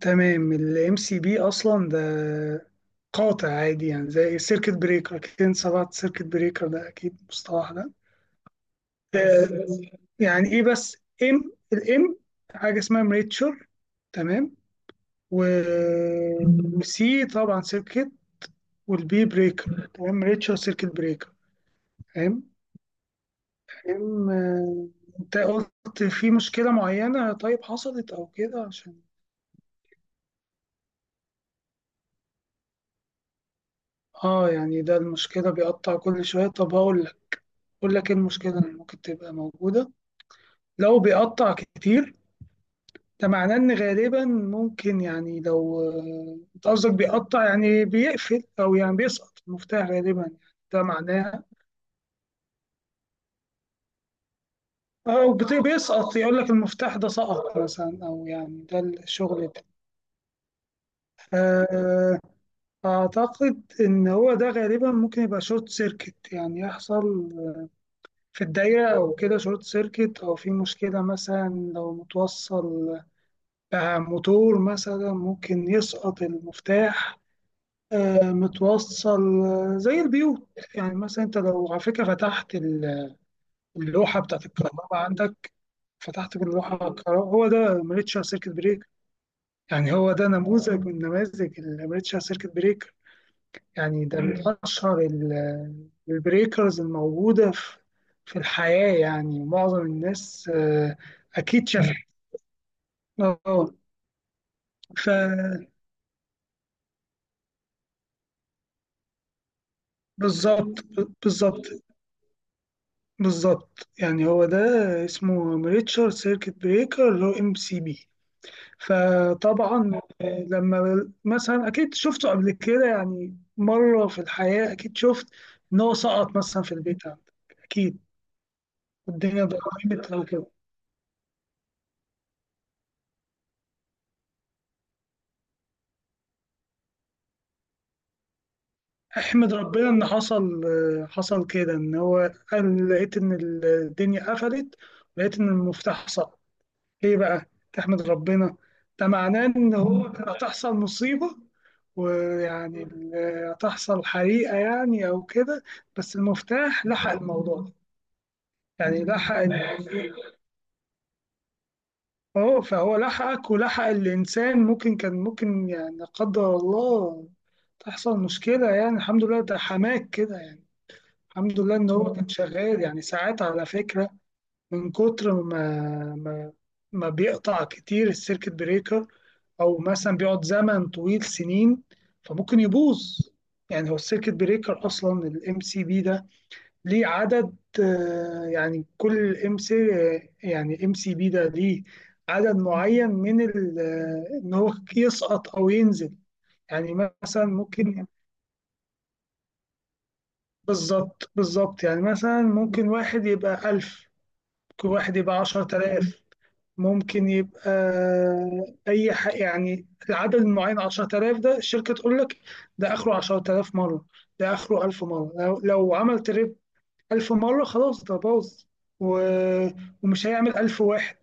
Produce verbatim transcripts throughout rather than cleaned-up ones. تمام. الام سي بي اصلا ده قاطع عادي، يعني زي السيركت بريكر. اكيد انت سمعت سيركت بريكر ده، اكيد المصطلح ده. آه، يعني ايه بس؟ ام الام حاجه اسمها مريتشر، تمام، وسي طبعا سيركت، والبي بريكر، تمام، مريتشر سيركت بريكر، فاهم؟ ام آه، انت قلت في مشكله معينه، طيب حصلت او كده عشان؟ اه، يعني ده المشكله بيقطع كل شويه. طب هقول لك، بقول لك ايه المشكلة اللي ممكن تبقى موجودة. لو بيقطع كتير، ده معناه ان غالبا ممكن، يعني لو آه، انت قصدك بيقطع، يعني بيقفل، او يعني بيسقط المفتاح غالبا، يعني ده معناها. او بت- بيسقط، يقول لك المفتاح ده سقط مثلا، او يعني ده الشغل ده. آه، اعتقد ان هو ده غالبا ممكن يبقى شورت سيركت، يعني يحصل في الدايرة او كده شورت سيركت، او في مشكلة مثلا لو متوصل بقى موتور مثلا ممكن يسقط المفتاح. آه، متوصل آه، زي البيوت. يعني مثلا انت لو على فكره فتحت ال- اللوحه بتاعت الكهرباء عندك، فتحت اللوحه الكهرباء، هو ده امريتشر سيركت بريك. يعني هو ده نموذج من نماذج الامريتشر سيركت بريك. يعني ده من اشهر ال- البريكرز الموجوده في في الحياه، يعني معظم الناس آه، اكيد شافها. اه، فبالظبط. بالظبط بالظبط، يعني هو ده اسمه ريتشارد سيركت بريكر، اللي هو ام سي بي. فطبعا آه، لما مثلا اكيد شفته قبل كده، يعني مره في الحياه اكيد شفت ان هو سقط مثلا في البيت عندك اكيد، والدنيا ضربت او كده. احمد ربنا ان حصل آه، حصل كده، ان هو قال لقيت ان الدنيا قفلت ولقيت ان المفتاح سقط. ليه بقى تحمد ربنا؟ ده معناه ان هو كانت هتحصل مصيبه، ويعني ال- هتحصل حريقة يعني أو كده، بس المفتاح لحق الموضوع ده. يعني لحق ال- أهو، فهو لحقك، ولحق الإنسان ممكن كان، ممكن يعني لا قدر الله تحصل مشكلة، يعني الحمد لله ده حماك كده يعني. الحمد لله إن هو كان شغال. يعني ساعات على فكرة، من كتر ما ما ما بيقطع كتير السيركت بريكر، أو مثلا بيقعد زمن طويل سنين، فممكن يبوظ. يعني هو السيركت بريكر أصلا، الام سي بي ده، ليه عدد، آه، يعني كل ام سي يعني ام سي بي ده ليه عدد معين من ال- آه، ان هو يسقط او ينزل، يعني مثلا ممكن، بالظبط بالظبط، يعني مثلا ممكن واحد يبقى ألف، ممكن واحد يبقى عشرة آلاف، ممكن يبقى آه، اي حق، يعني العدد المعين عشرة آلاف ده الشركة تقول لك ده اخره عشرة آلاف مرة، ده اخره ألف مرة. لو, لو عملت ألف مرة خلاص ده باظ و... ومش هيعمل ألف واحد،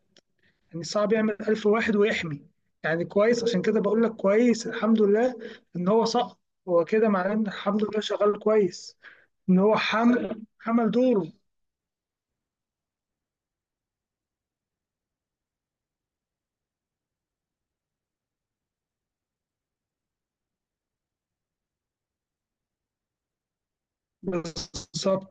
يعني صعب يعمل ألف واحد ويحمي. يعني كويس، عشان كده بقول لك كويس، الحمد لله إن هو سقط. هو كده معناه إن الحمد لله شغال كويس، إن هو حمل حمل دوره. بالظبط.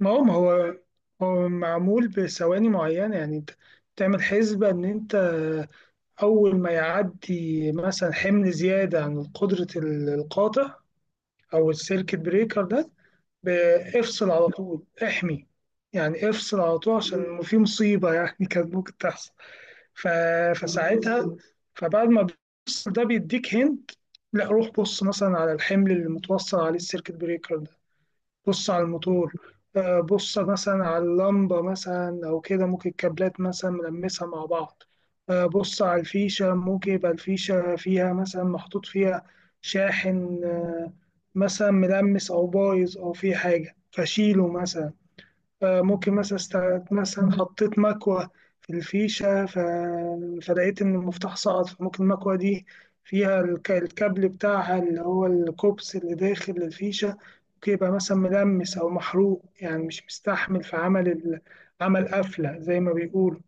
ما هو ما هو هو معمول بثواني معينة، يعني أنت تعمل حسبة إن أنت أول ما يعدي مثلا حمل زيادة عن قدرة القاطع أو السيركت بريكر ده، ب- افصل على طول احمي. يعني افصل على طول، عشان في مصيبة يعني كانت ممكن تحصل. ف... فساعتها، فبعد ما بتفصل ده بيديك هنت، لا روح بص مثلا على الحمل اللي متوصل عليه السيركت بريكر. بص على الموتور، آه، بص مثلا على اللمبة مثلا أو كده، ممكن الكابلات مثلا ملمسها مع بعض. آه، بص على الفيشة، ممكن يبقى الفيشة فيها مثلا محطوط فيها شاحن آه، مثلا ملمس أو بايظ، أو في حاجة فشيله مثلا. آه، ممكن مثلا است- مثلا حطيت مكوة في الفيشة، ف... فلقيت إن المفتاح سقط، فممكن المكوة دي فيها الك... الكابل بتاعها اللي هو الكوبس اللي داخل الفيشة، ممكن يبقى مثلا ملمس أو محروق، يعني مش مستحمل، في عمل ال... عمل قفلة زي ما بيقولوا.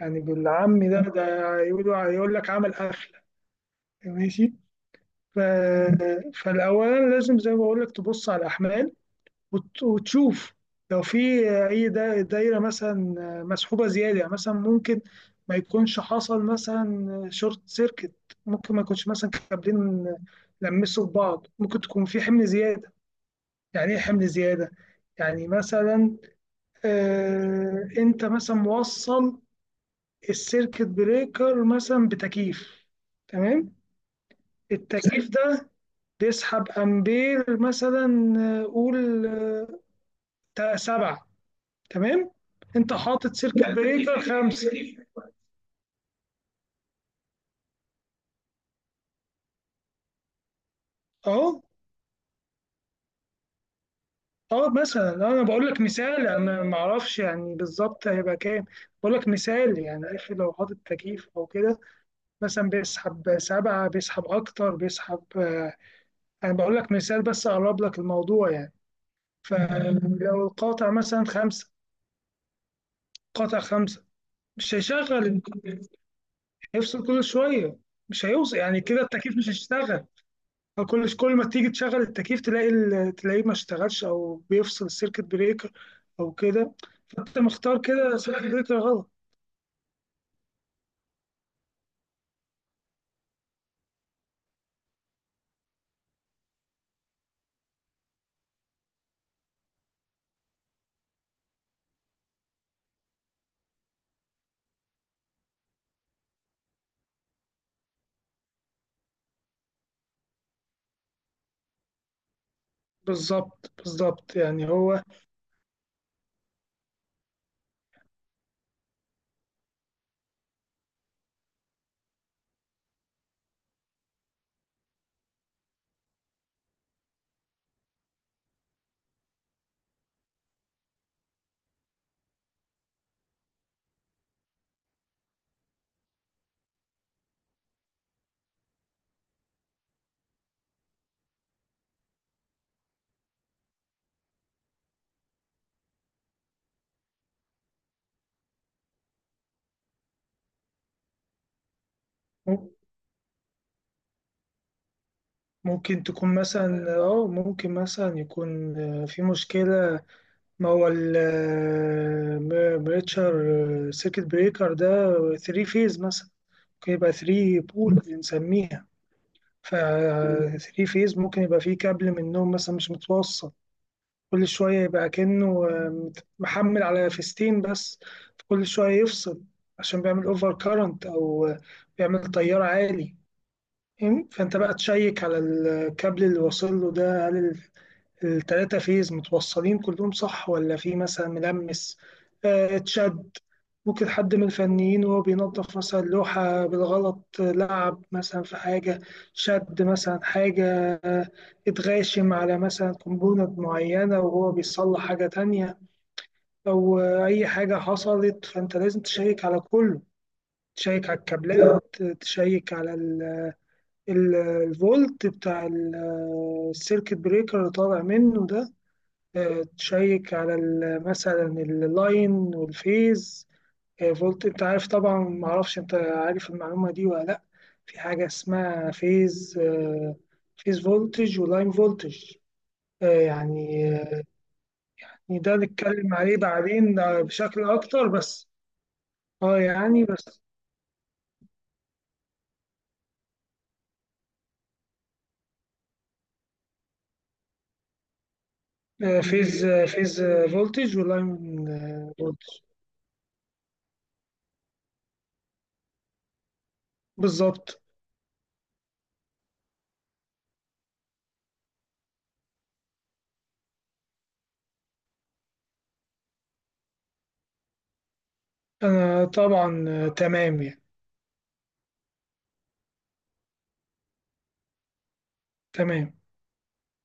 يعني بالعام ده ده يقولوا يقول لك عمل قفلة، ماشي. ف... فالأول لازم زي ما بقول لك تبص على الأحمال، وت- وتشوف لو في اي دا- دايره مثلا مسحوبه زياده. يعني مثلا ممكن ما يكونش حصل مثلا شورت سيركت، ممكن ما يكونش مثلا كابلين لمسوا في بعض، ممكن تكون في حمل زياده. يعني ايه حمل زياده؟ يعني مثلا، آه، انت مثلا موصل السيركت بريكر مثلا بتكييف، تمام. التكييف ده بيسحب امبير مثلا، آه، قول آه، سبعة، تمام. انت حاطط سيركت بريكر خمسة، اهو. اه مثلا، انا بقول لك مثال، انا ما اعرفش يعني بالظبط هيبقى كام، بقول لك مثال يعني اخر. لو حاطط تكييف او كده مثلا بيسحب سبعة، بيسحب اكتر، بيسحب آه، انا بقول لك مثال بس اقرب لك الموضوع يعني. فلو القاطع مثلا خمسة، قاطع خمسة، مش هيشغل، هيفصل كل شوية، مش هيوصل، يعني كده التكييف مش هيشتغل. كل كل ما تيجي تشغل التكييف تلاقي ال- تلاقيه ما اشتغلش او بيفصل السيركت بريكر او كده. فانت مختار كده سيركت بريكر غلط. بالظبط بالظبط، يعني هو م- ممكن تكون مثلا، اه ممكن مثلا يكون آه، في مشكلة. ما هو البريتشر سيركت بريكر ده تلات فيز مثلا، ممكن يبقى تلات بول بنسميها. ف ثلاث فيز، ممكن يبقى فيه كابل منهم مثلا مش متوصل، كل شوية يبقى كأنه مت- محمل على فيستين بس، كل شوية يفصل عشان بيعمل اوفر كارنت أو بيعمل تيار عالي. فاهم؟ فأنت بقى تشيك على الكابل اللي واصل له ده، هل ال- التلاتة فيز متوصلين كلهم صح، ولا في مثلا ملمس آه، اتشد؟ ممكن حد من الفنيين وهو بينظف مثلا لوحة بالغلط لعب مثلا في حاجة، شد مثلا حاجة، آه، اتغاشم على مثلا كومبوننت معينة وهو بيصلح حاجة تانية، أو آه، أي حاجة حصلت. فأنت لازم تشيك على كله، تشيك على الكابلات، تشيك على ال- ال- الفولت بتاع ال- السيركت بريكر اللي طالع منه ده. آه، تشيك على ال- مثلا اللاين والفيز آه، فولت. انت عارف طبعا، ما اعرفش انت عارف المعلومه دي ولا لا، في حاجه اسمها فيز آه، فيز فولتج ولاين فولتج. آه، يعني آه، يعني ده نتكلم عليه بعدين آه، بشكل اكتر بس. اه يعني بس آه، فيز آه، فيز آه، فولتج ولاين آه، فولتج. بالظبط. انا طبعا آه، تمام يعني، تمام.